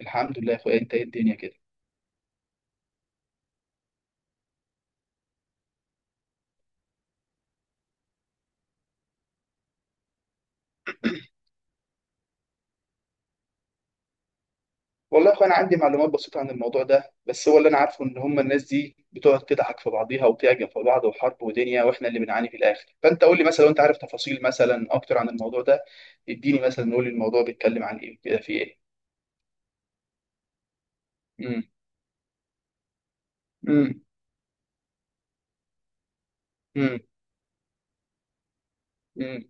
الحمد لله يا اخويا، انت ايه الدنيا كده؟ والله يا اخويا انا عندي معلومات بسيطه عن الموضوع ده، بس هو اللي انا عارفه ان هم الناس دي بتقعد تضحك في بعضيها وتعجب في بعض وحرب ودنيا، واحنا اللي بنعاني في الاخر. فانت قول لي مثلا لو انت عارف تفاصيل مثلا اكتر عن الموضوع ده. اديني مثلا، قول لي الموضوع بيتكلم عن ايه، كده في ايه. امم. امم. امم. امم.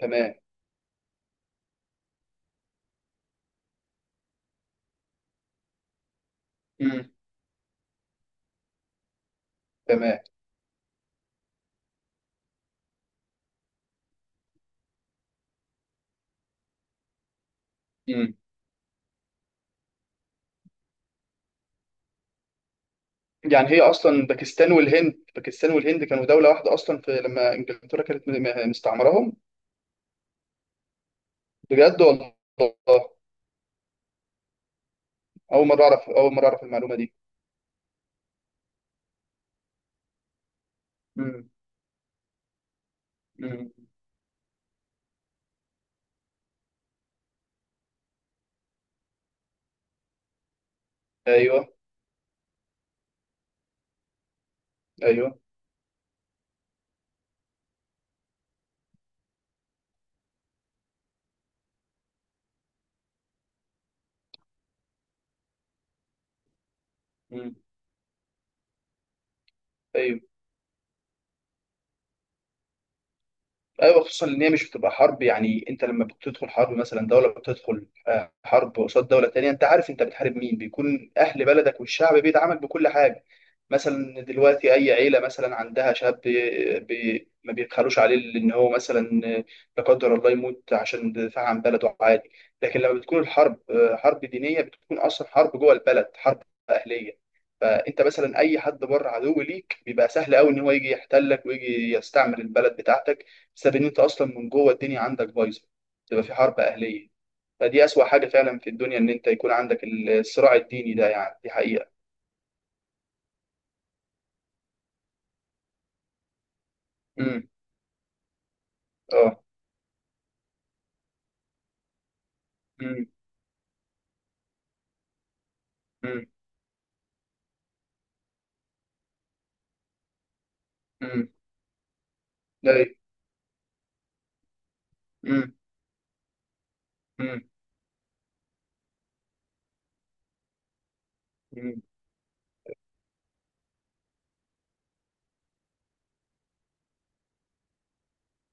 تمام. امم. تمام. امم يعني هي اصلا باكستان والهند، باكستان والهند كانوا دوله واحده اصلا في، لما انجلترا كانت مستعمرهم. بجد والله. اول مره اعرف، اول مره اعرف المعلومه دي. مم. مم. ايوه. ايوه. مم. ايوه. ايوه، خصوصا ان هي مش بتبقى حرب. يعني انت لما بتدخل حرب، مثلا دوله بتدخل حرب قصاد دوله تانية، انت عارف انت بتحارب مين، بيكون اهل بلدك والشعب بيدعمك بكل حاجه. مثلا دلوقتي اي عيله مثلا عندها شاب بي بي ما بيبخلوش عليه، لان هو مثلا، لا قدر الله، يموت عشان دفاع عن بلده عادي. لكن لما بتكون الحرب حرب دينيه، بتكون اصلا حرب جوه البلد، حرب اهليه. فانت مثلا اي حد بره عدو ليك بيبقى سهل قوي ان هو يجي يحتلك ويجي يستعمر البلد بتاعتك، بسبب ان انت اصلا من جوه الدنيا عندك بايظه، تبقى في حرب اهليه. فدي اسوأ حاجه فعلا في الدنيا، ان انت يكون عندك الصراع الديني ده، يعني دي حقيقه. امم. اه. امم. امم. امم. لا. امم. امم. امم.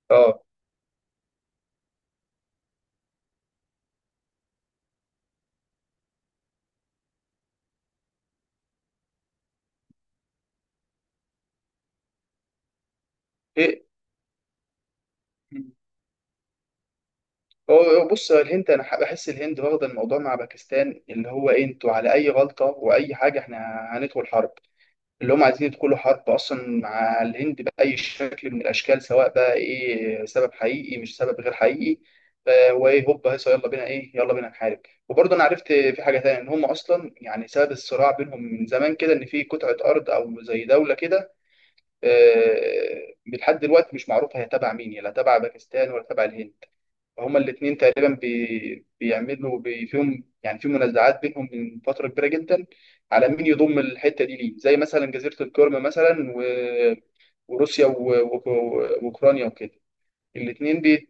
اه. ايه. مم. هو هو بص، الهند انا بحس الهند واخده الموضوع مع باكستان، اللي هو، إيه، انتوا على اي غلطه واي حاجه احنا هندخل حرب. اللي هم عايزين يدخلوا حرب اصلا مع الهند باي شكل من الاشكال، سواء بقى ايه سبب حقيقي، مش سبب غير حقيقي. وايه، هوب هيصة، يلا بينا، ايه، يلا بينا نحارب. وبرضه انا عرفت في حاجه تانية، ان هم اصلا يعني سبب الصراع بينهم من زمان كده، ان في قطعه ارض او زي دوله كده، لحد دلوقتي مش معروفه هي تبع مين، لا تبع باكستان ولا تبع الهند. هما الاثنين تقريبا فيهم، يعني في منازعات بينهم من فتره كبيره جدا على مين يضم الحته دي ليه، زي مثلا جزيره القرم مثلا وروسيا واوكرانيا وكده. الاثنين بي...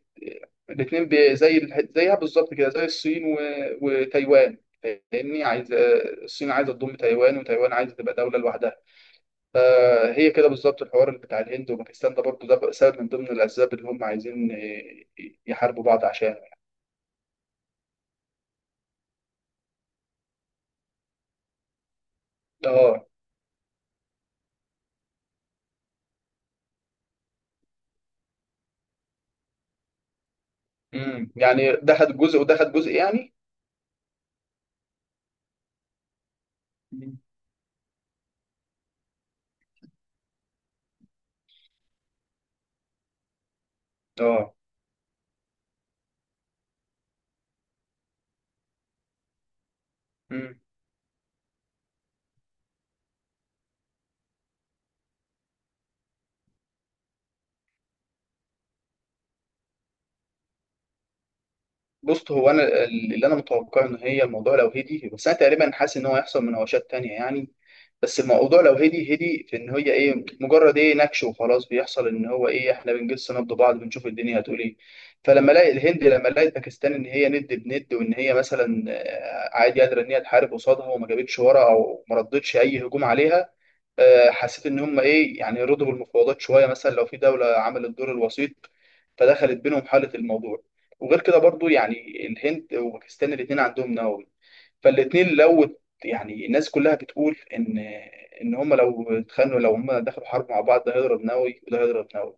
زي زيها بالظبط كده، زي الصين وتايوان. فاهمني، عايز، الصين عايزه تضم تايوان، وتايوان عايزه تبقى دوله لوحدها. فهي كده بالظبط الحوار اللي بتاع الهند وباكستان ده برضه، ده سبب من ضمن الاسباب اللي هم عايزين يحاربوا بعض عشان. اه. امم. يعني ده خد جزء وده خد جزء يعني. مم. اه. امم. بص، هو انا اللي انا متوقع ان هي الموضوع لو هدي، بس انا تقريبا حاسس ان هو هيحصل مناوشات تانية يعني. بس الموضوع لو هدي هدي، في ان هي ايه، مجرد ايه نكش وخلاص، بيحصل ان هو ايه، احنا بنجس نبض بعض، بنشوف الدنيا هتقول ايه. فلما الاقي الهند، لما لقيت باكستان ان هي ند بند، وان هي مثلا عادي قادره ان هي تحارب قصادها وما جابتش ورا، او ما ردتش اي هجوم عليها، حسيت ان هم ايه يعني رضوا بالمفاوضات شويه. مثلا لو في دوله عملت دور الوسيط فدخلت بينهم، حاله الموضوع. وغير كده برضو، يعني الهند وباكستان الاثنين عندهم نووي، فالاثنين لو، يعني الناس كلها بتقول ان ان هم لو اتخانقوا، لو هم دخلوا حرب مع بعض، ده هيضرب نووي وده هيضرب نووي.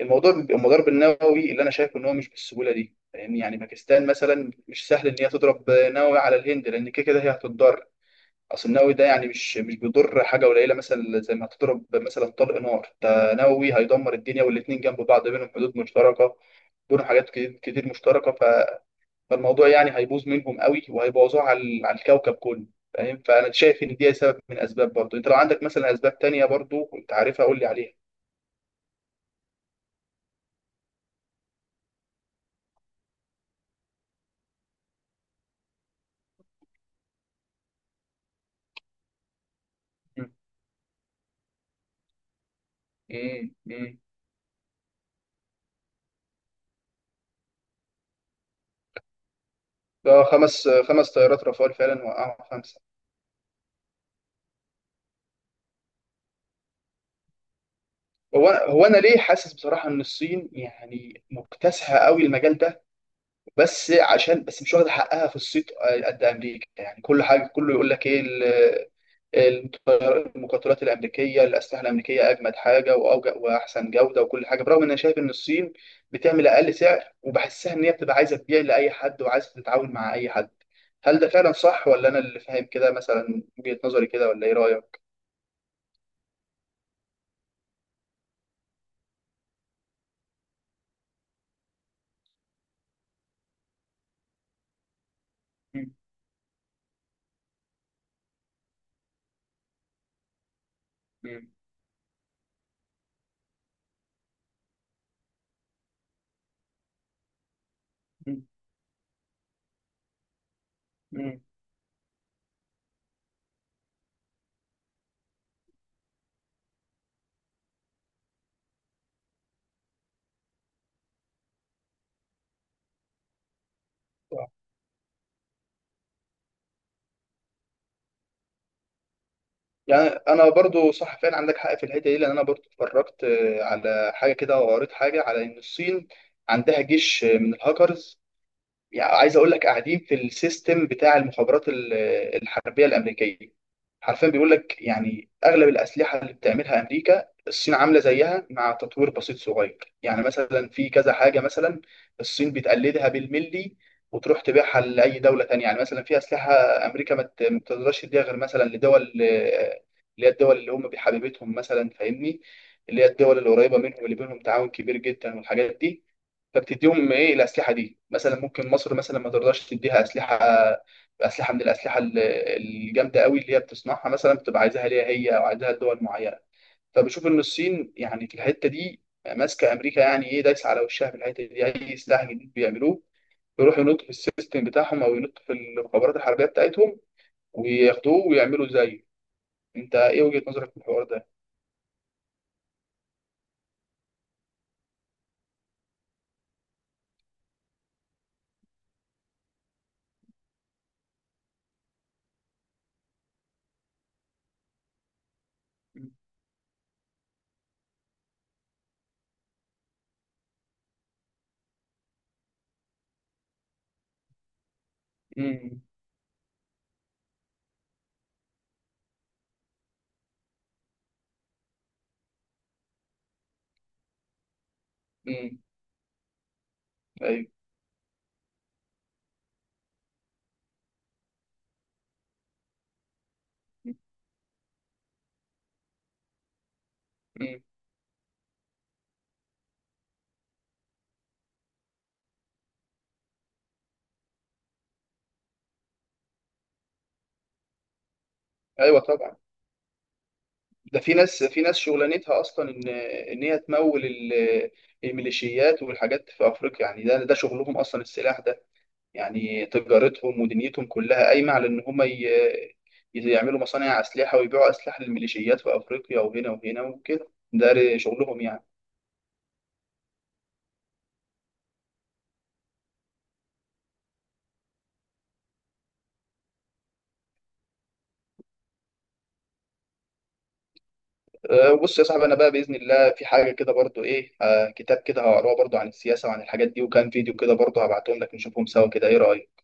الموضوع بيبقى المضارب النووي اللي انا شايف ان هو مش بالسهوله دي، يعني باكستان مثلا مش سهل ان هي تضرب نووي على الهند، لان كده كده هي هتتضرر. اصل النووي ده يعني مش بيضر حاجه قليله، مثلا زي ما هتضرب مثلا طلق نار، ده نووي هيدمر الدنيا، والاتنين جنب بعض بينهم حدود مشتركه، بينهم حاجات كتير كتير مشتركه. فالموضوع يعني هيبوظ منهم قوي، وهيبوظوه على على الكوكب كله، فاهم. فانا شايف ان دي سبب من اسباب برضه. انت لو عندك مثلا اسباب تانية برضه انت عارفها، قول لي عليها. امم. امم. ده خمس طيارات رافال فعلا، وقعوا خمسه. هو هو انا ليه حاسس بصراحه ان الصين يعني مكتسحه قوي المجال ده، بس عشان بس مش واخده حقها في الصيت قد امريكا يعني. كل حاجه كله يقول لك ايه المقاتلات الامريكيه، الاسلحه الامريكيه اجمد حاجه واوجه واحسن جوده وكل حاجه، برغم ان انا شايف ان الصين بتعمل اقل سعر، وبحسها ان هي بتبقى عايزه تبيع لاي حد وعايزه تتعاون مع اي حد. هل ده فعلا صح، ولا انا اللي فاهم كده مثلا، وجهه نظري كده، ولا ايه رايك؟ مم. مم. مم. مم. يعني انا برضو صح فعلا، عندك حق في الحته دي، لان انا برضو اتفرجت على حاجه كده وقريت حاجه، على ان الصين عندها جيش من الهاكرز. يعني عايز اقول لك قاعدين في السيستم بتاع المخابرات الحربيه الامريكيه. حرفيا بيقول لك يعني اغلب الاسلحه اللي بتعملها امريكا، الصين عامله زيها مع تطوير بسيط صغير، يعني مثلا في كذا حاجه مثلا الصين بتقلدها بالملي، وتروح تبيعها لاي دوله تانية. يعني مثلا في اسلحه امريكا ما بتقدرش تديها غير مثلا لدول، اللي هي الدول اللي هم بحبيبتهم مثلا، فاهمني، اللي هي الدول القريبه منهم اللي بينهم تعاون كبير جدا والحاجات دي. فبتديهم ايه الاسلحه دي، مثلا ممكن مصر مثلا ما ترضاش تديها اسلحه، من الاسلحه الجامده قوي اللي هي بتصنعها مثلا، بتبقى عايزاها ليها هي او عايزاها لدول معينه. فبشوف ان الصين يعني في الحته دي ماسكه امريكا، يعني ايه، دايسه على وشها في الحته دي. اي سلاح جديد بيعملوه يروحوا ينطوا في السيستم بتاعهم او ينطوا في المخابرات الحربيه بتاعتهم، وياخدوه ويعملوا زيه. انت ايه وجهه نظرك في الحوار ده؟ امم. امم. ايوه. مم. ايوه طبعا. ده في ناس شغلانتها اصلا، ان هي تمول الميليشيات والحاجات في افريقيا. يعني ده شغلهم اصلا السلاح ده، يعني تجارتهم ودنيتهم كلها قايمه على ان هم يعملوا مصانع اسلحه ويبيعوا اسلحه للميليشيات في افريقيا وهنا وهنا وكده، شغلهم يعني. بص يا صاحبي، انا بقى باذن الله في حاجه كده برضو ايه، كتاب كده هقراه برضو عن السياسه وعن الحاجات دي، وكان فيديو كده برضو، هبعتهم لك نشوفهم سوا كده، ايه رايك؟